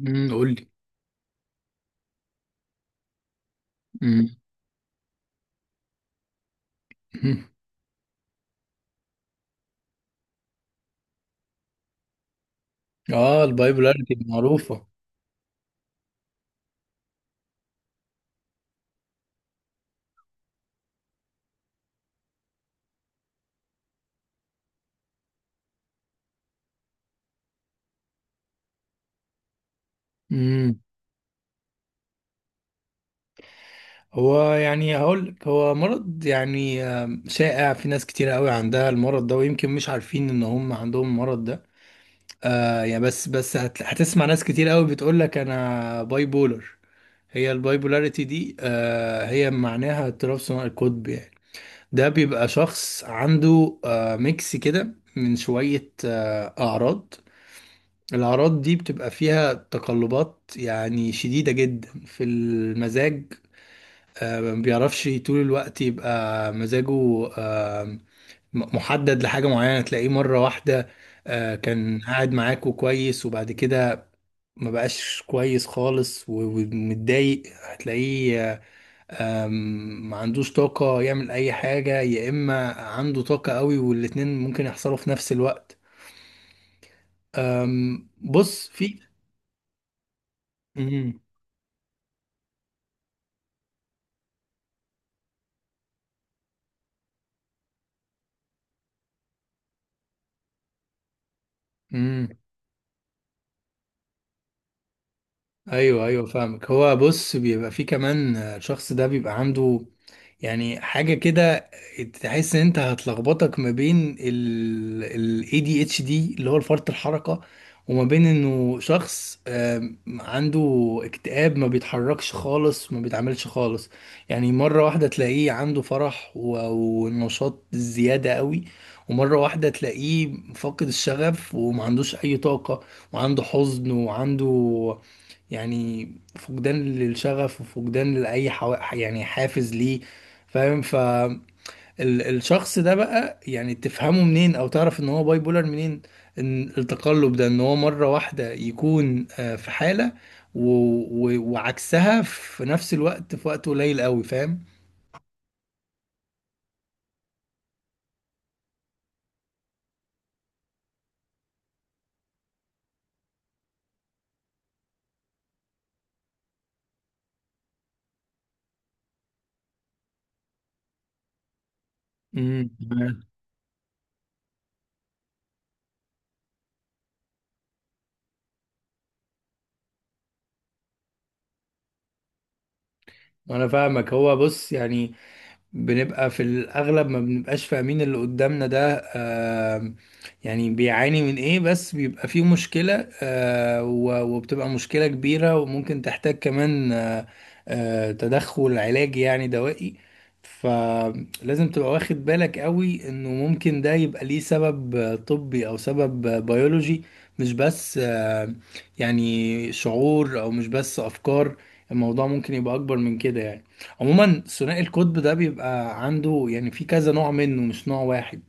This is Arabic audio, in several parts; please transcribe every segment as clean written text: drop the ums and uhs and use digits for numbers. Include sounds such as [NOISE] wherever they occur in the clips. قول لي. امم. اه، البايبولاريتي معروفة. امم هو يعني هقول لك هو مرض يعني شائع في ناس كتير قوي عندها المرض ده ويمكن مش عارفين ان هم عندهم المرض ده. يعني بس بس هتسمع ناس كتير قوي بتقول لك انا بايبولر. هي البايبولاريتي دي هي معناها اضطراب ثنائي القطب يعني. ده بيبقى شخص عنده ميكس كده من شوية أعراض. الأعراض دي بتبقى فيها تقلبات يعني شديدة جدا في المزاج. ما بيعرفش طول الوقت يبقى مزاجه محدد لحاجة معينة. تلاقيه مرة واحدة كان قاعد معاكوا كويس وبعد كده ما بقاش كويس خالص ومتضايق. هتلاقيه آه، آم، ما عندوش طاقة يعمل أي حاجة، يا إما عنده طاقة قوي، والاتنين ممكن يحصلوا في نفس الوقت. بص في. مم. مم. ايوه، ايوه، فاهمك. هو بص بيبقى فيه كمان الشخص ده بيبقى عنده يعني حاجة كده. تحس ان انت هتلخبطك ما بين ال ADHD اللي هو فرط الحركة، وما بين انه شخص عنده اكتئاب ما بيتحركش خالص، ما بيتعملش خالص. يعني مرة واحدة تلاقيه عنده فرح ونشاط زيادة قوي، ومرة واحدة تلاقيه فاقد الشغف وما عندوش اي طاقة، وعنده حزن وعنده يعني فقدان للشغف وفقدان لأي يعني حافز ليه. فاهم؟ فالشخص ده بقى يعني تفهمه منين او تعرف ان هو باي بولر منين؟ ان التقلب ده، ان هو مرة واحدة يكون في حالة و... وعكسها في نفس الوقت في وقت قليل قوي. فاهم؟ امم انا فاهمك. هو بص يعني بنبقى في الأغلب ما بنبقاش فاهمين اللي قدامنا ده يعني بيعاني من إيه، بس بيبقى فيه مشكلة وبتبقى مشكلة كبيرة وممكن تحتاج كمان تدخل علاجي يعني دوائي. فلازم تبقى واخد بالك قوي إنه ممكن ده يبقى ليه سبب طبي، أو سبب بيولوجي، مش بس يعني شعور، أو مش بس أفكار. الموضوع ممكن يبقى أكبر من كده يعني. عموما ثنائي القطب ده بيبقى عنده يعني في كذا نوع منه، مش نوع واحد.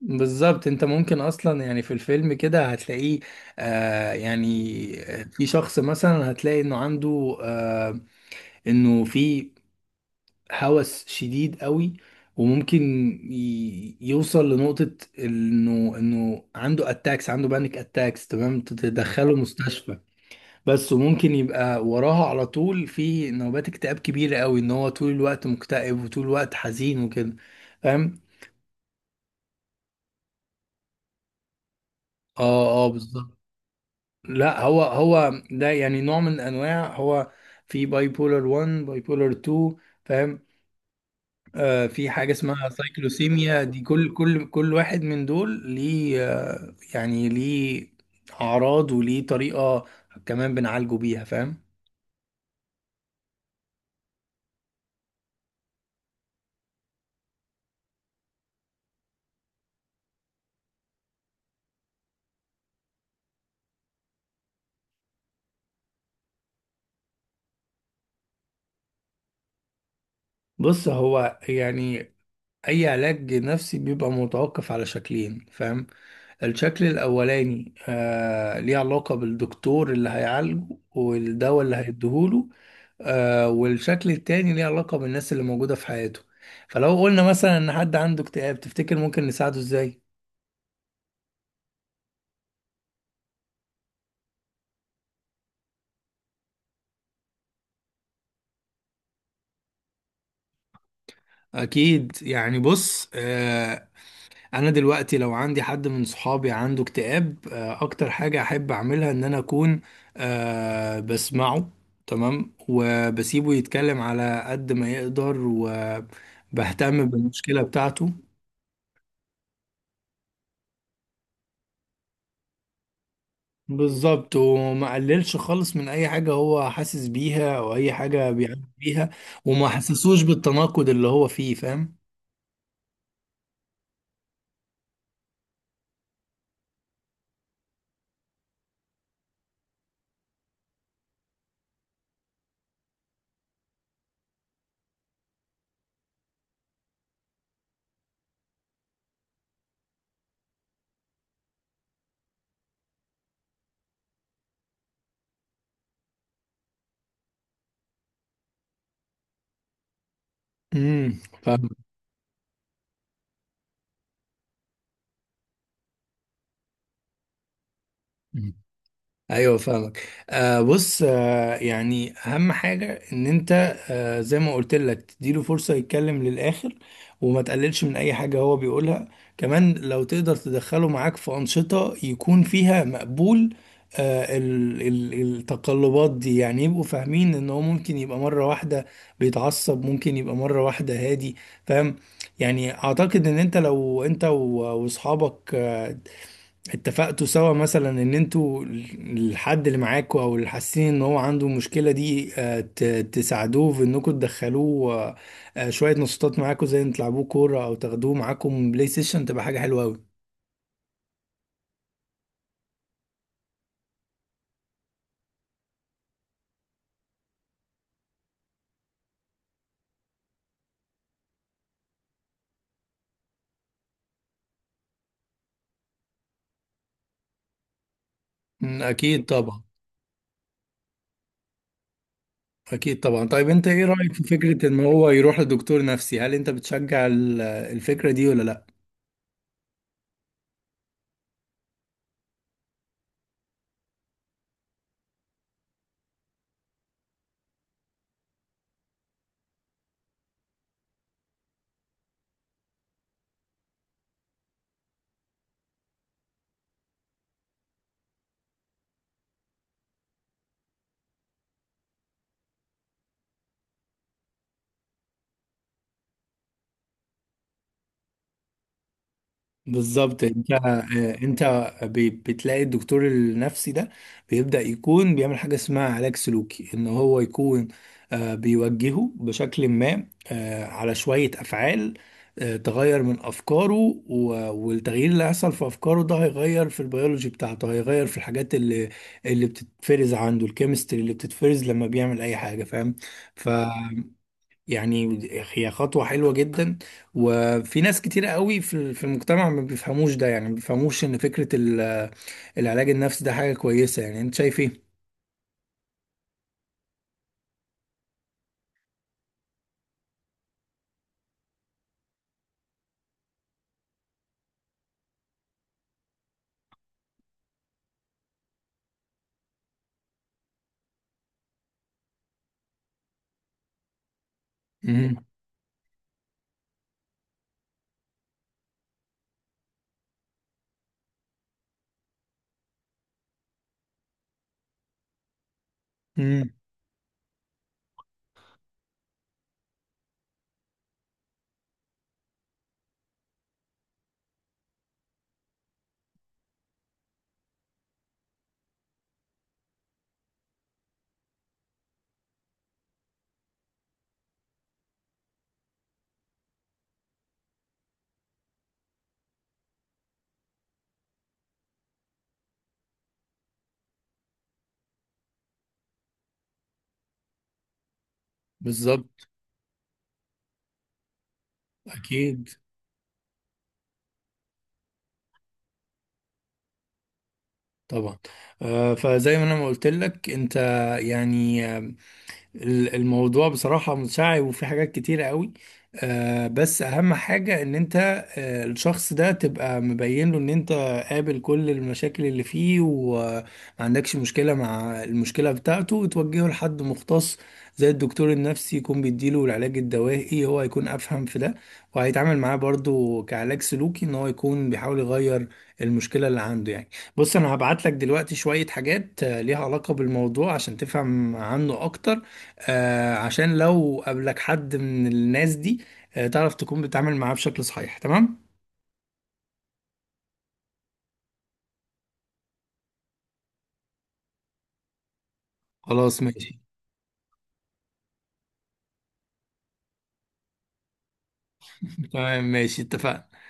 بالظبط، انت ممكن اصلا يعني في الفيلم كده هتلاقيه يعني في شخص مثلا هتلاقي انه عنده في هوس شديد قوي. وممكن يوصل لنقطة انه عنده اتاكس، عنده بانيك اتاكس، تمام تدخله مستشفى. بس وممكن يبقى وراها على طول في نوبات اكتئاب كبيرة قوي، ان هو طول الوقت مكتئب وطول الوقت حزين وكده. فاهم؟ اه، اه، بالظبط. لا، هو هو ده يعني نوع من انواع. هو في باي بولر 1 باي بولر 2. فاهم؟ آه في حاجة اسمها سايكلوسيميا. دي كل واحد من دول ليه يعني ليه اعراض وليه طريقة كمان بنعالجه بيها. فاهم؟ بص هو يعني اي علاج نفسي بيبقى متوقف على شكلين. فاهم؟ الشكل الاولاني ليه علاقة بالدكتور اللي هيعالجه والدواء اللي هيديهوله. والشكل التاني ليه علاقة بالناس اللي موجودة في حياته. فلو قلنا مثلا ان حد عنده اكتئاب، تفتكر ممكن نساعده ازاي؟ اكيد، يعني بص انا دلوقتي لو عندي حد من صحابي عنده اكتئاب، اكتر حاجة احب اعملها ان انا اكون بسمعه. تمام، وبسيبه يتكلم على قد ما يقدر، وبهتم بالمشكلة بتاعته. بالظبط، وما قللش خالص من اي حاجة هو حاسس بيها او اي حاجة بيعمل بيها، وما حسسوش بالتناقض اللي هو فيه. فاهم؟ فاهم. ايوه فاهمك، بص يعني اهم حاجه ان انت زي ما قلت لك تديله فرصه يتكلم للاخر، وما تقللش من اي حاجه هو بيقولها. كمان لو تقدر تدخله معاك في انشطه يكون فيها مقبول. ال التقلبات دي، يعني يبقوا فاهمين ان هو ممكن يبقى مره واحده بيتعصب، ممكن يبقى مره واحده هادي. فاهم؟ يعني اعتقد ان انت لو انت واصحابك اتفقتوا سوا مثلا ان انتوا الحد اللي معاكوا، او اللي حاسين ان هو عنده المشكله دي، تساعدوه في انكم تدخلوه شويه نشاطات معاكوا، زي ان تلعبوه كوره او تاخدوه معاكم بلاي ستيشن، تبقى حاجه حلوه قوي. اكيد طبعا. اكيد طبعا. طيب، انت ايه رايك في فكره ان هو يروح لدكتور نفسي؟ هل انت بتشجع الفكره دي ولا لا؟ بالظبط. انت بتلاقي الدكتور النفسي ده بيبدأ يكون بيعمل حاجة اسمها علاج سلوكي، ان هو يكون بيوجهه بشكل ما على شوية افعال تغير من افكاره. والتغيير اللي هيحصل في افكاره ده هيغير في البيولوجي بتاعته، هيغير في الحاجات اللي بتتفرز عنده، الكيمستري اللي بتتفرز لما بيعمل اي حاجة. فاهم؟ يعني هي خطوة حلوة جدا. وفي ناس كتير قوي في المجتمع ما بيفهموش ده، يعني ما بيفهموش ان فكرة العلاج النفسي ده حاجة كويسة. يعني انت شايف ايه؟ امم، امم، بالظبط، اكيد طبعا. فزي ما انا ما قلت لك، انت يعني الموضوع بصراحة متشعب، وفي حاجات كتيرة قوي. بس أهم حاجة إن أنت الشخص ده تبقى مبين له إن أنت قابل كل المشاكل اللي فيه، وما عندكش مشكلة مع المشكلة بتاعته، وتوجهه لحد مختص زي الدكتور النفسي يكون بيديله العلاج الدوائي، هو هيكون أفهم في ده، وهيتعامل معاه برضو كعلاج سلوكي إن هو يكون بيحاول يغير المشكلة اللي عنده يعني. بص، أنا هبعت لك دلوقتي شوية حاجات ليها علاقة بالموضوع عشان تفهم عنه أكتر، عشان لو قابلك حد من الناس دي تعرف تكون بتتعامل معاه بشكل صحيح. تمام، خلاص ماشي. [LAUGHS] تمام، ماشي، اتفقنا.